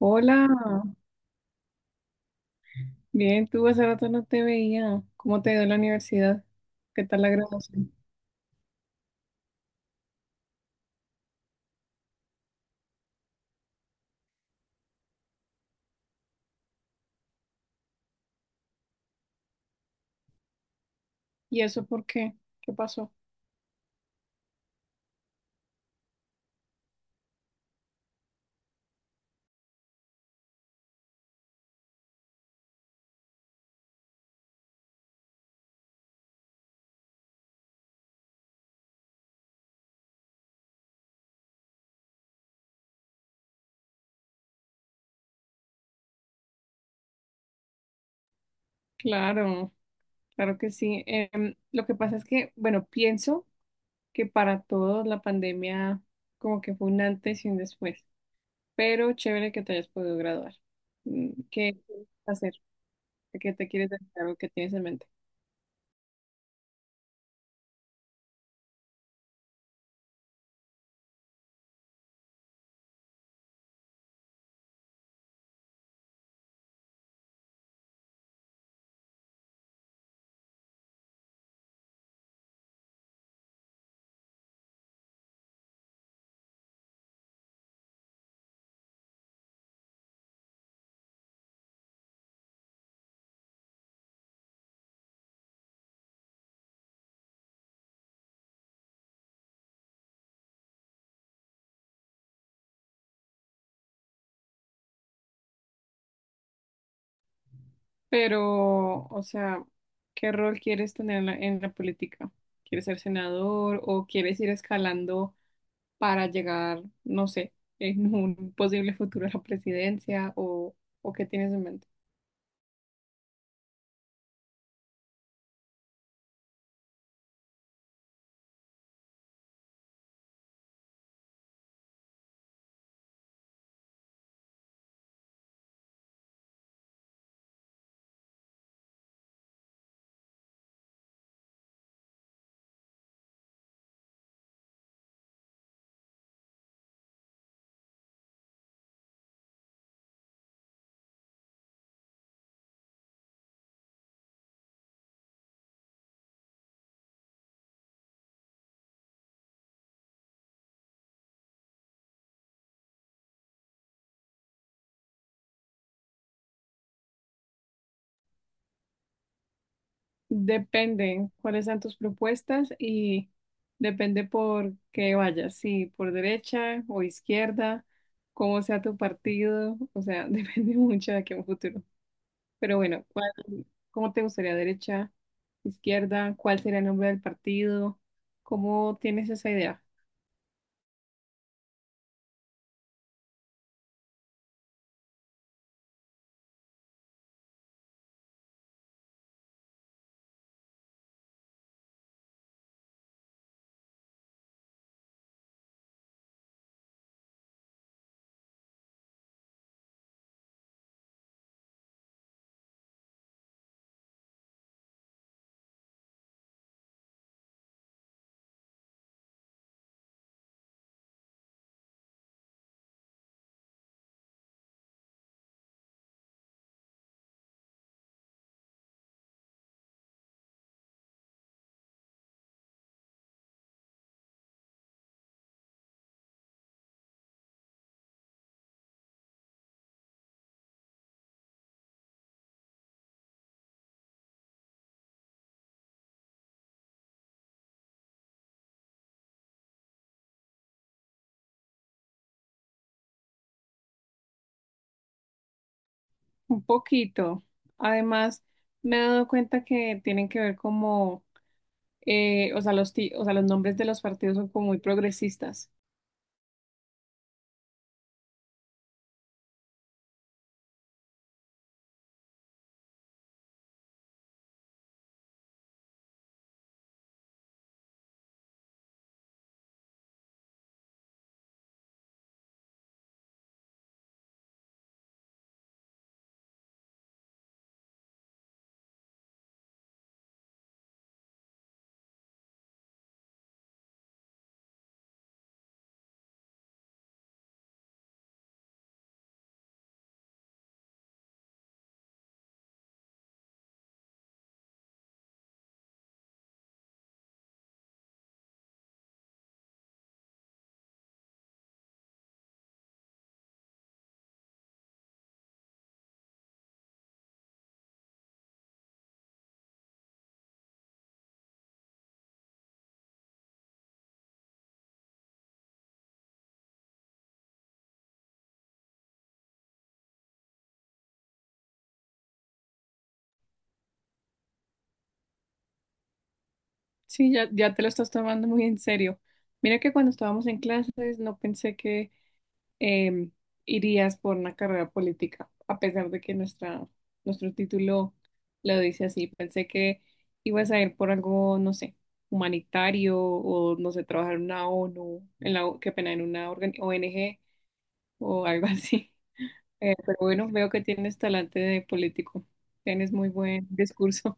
Hola, bien, tú hace rato no te veía. ¿Cómo te dio la universidad? ¿Qué tal la graduación? ¿Y eso por qué? ¿Qué pasó? Claro, claro que sí. Lo que pasa es que, bueno, pienso que para todos la pandemia como que fue un antes y un después, pero chévere que te hayas podido graduar. Mm, ¿qué quieres hacer? ¿A ¿Qué te quieres dedicar o qué tienes en mente? Pero, o sea, ¿qué rol quieres tener en en la política? ¿Quieres ser senador o quieres ir escalando? Para llegar, no sé, en un posible futuro a la presidencia o ¿qué tienes en mente? Depende cuáles sean tus propuestas y depende por qué vayas, si por derecha o izquierda, cómo sea tu partido, o sea, depende mucho de aquí a un futuro. Pero bueno, ¿cómo te gustaría derecha, izquierda? ¿Cuál sería el nombre del partido? ¿Cómo tienes esa idea? Un poquito. Además, me he dado cuenta que tienen que ver como o sea, o sea, los nombres de los partidos son como muy progresistas. Sí, ya, ya te lo estás tomando muy en serio. Mira que cuando estábamos en clases no pensé que em, irías por una carrera política, a pesar de que nuestro título lo dice así. Pensé que ibas a ir por algo, no sé, humanitario o, no sé, trabajar en una ONU, en qué pena, en una organ- o ONG o algo así. Pero bueno, veo que tienes talante de político. Tienes muy buen discurso.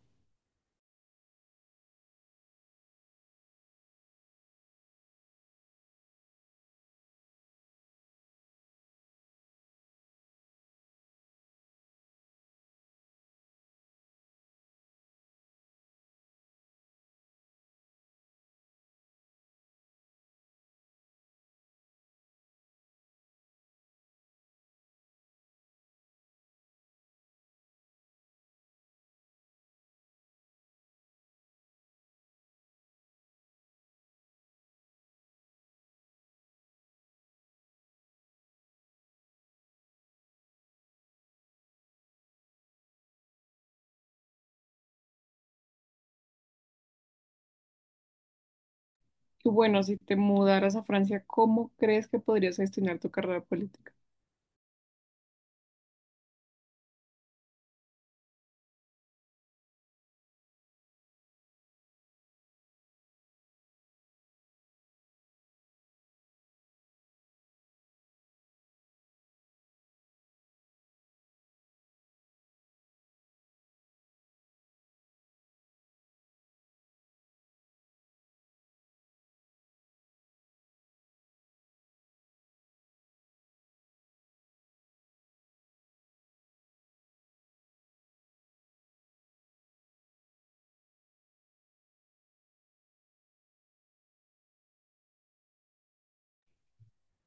Y bueno, si te mudaras a Francia, ¿cómo crees que podrías gestionar tu carrera política?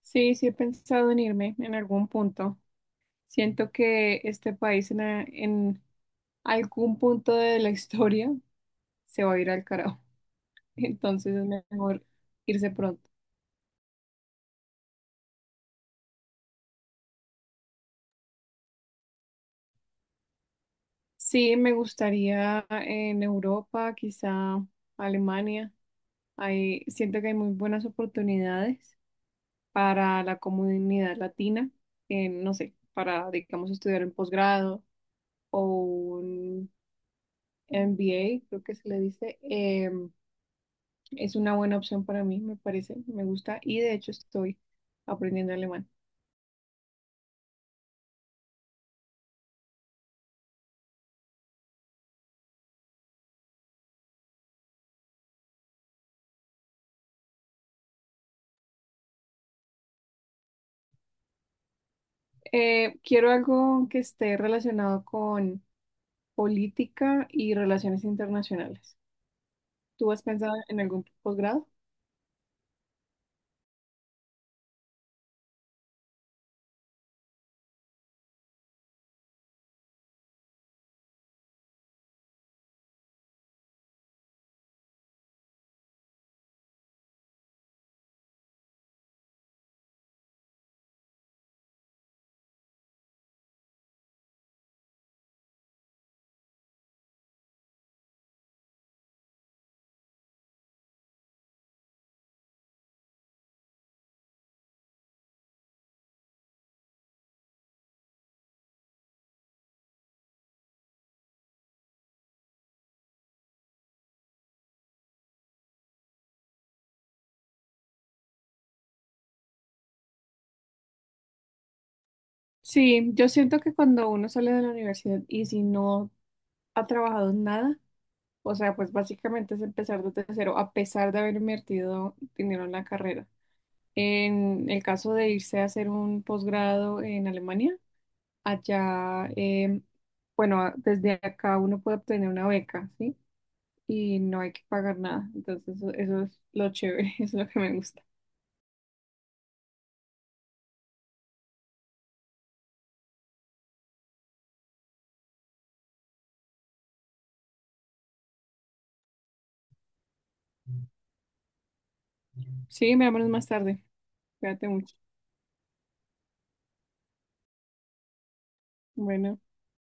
Sí, sí he pensado en irme en algún punto. Siento que este país en algún punto de la historia se va a ir al carajo. Entonces es mejor irse pronto. Sí, me gustaría en Europa, quizá Alemania. Ahí siento que hay muy buenas oportunidades para la comunidad latina, en, no sé, para, digamos, estudiar en posgrado o un MBA, creo que se le dice. Es una buena opción para mí, me parece, me gusta, y de hecho estoy aprendiendo alemán. Quiero algo que esté relacionado con política y relaciones internacionales. ¿Tú has pensado en algún posgrado? Sí, yo siento que cuando uno sale de la universidad y si no ha trabajado en nada, o sea, pues básicamente es empezar desde cero, a pesar de haber invertido dinero en la carrera. En el caso de irse a hacer un posgrado en Alemania, allá, desde acá uno puede obtener una beca, ¿sí? Y no hay que pagar nada. Entonces, eso es lo chévere, es lo que me gusta. Sí, me hablamos más tarde. Cuídate mucho. Bueno.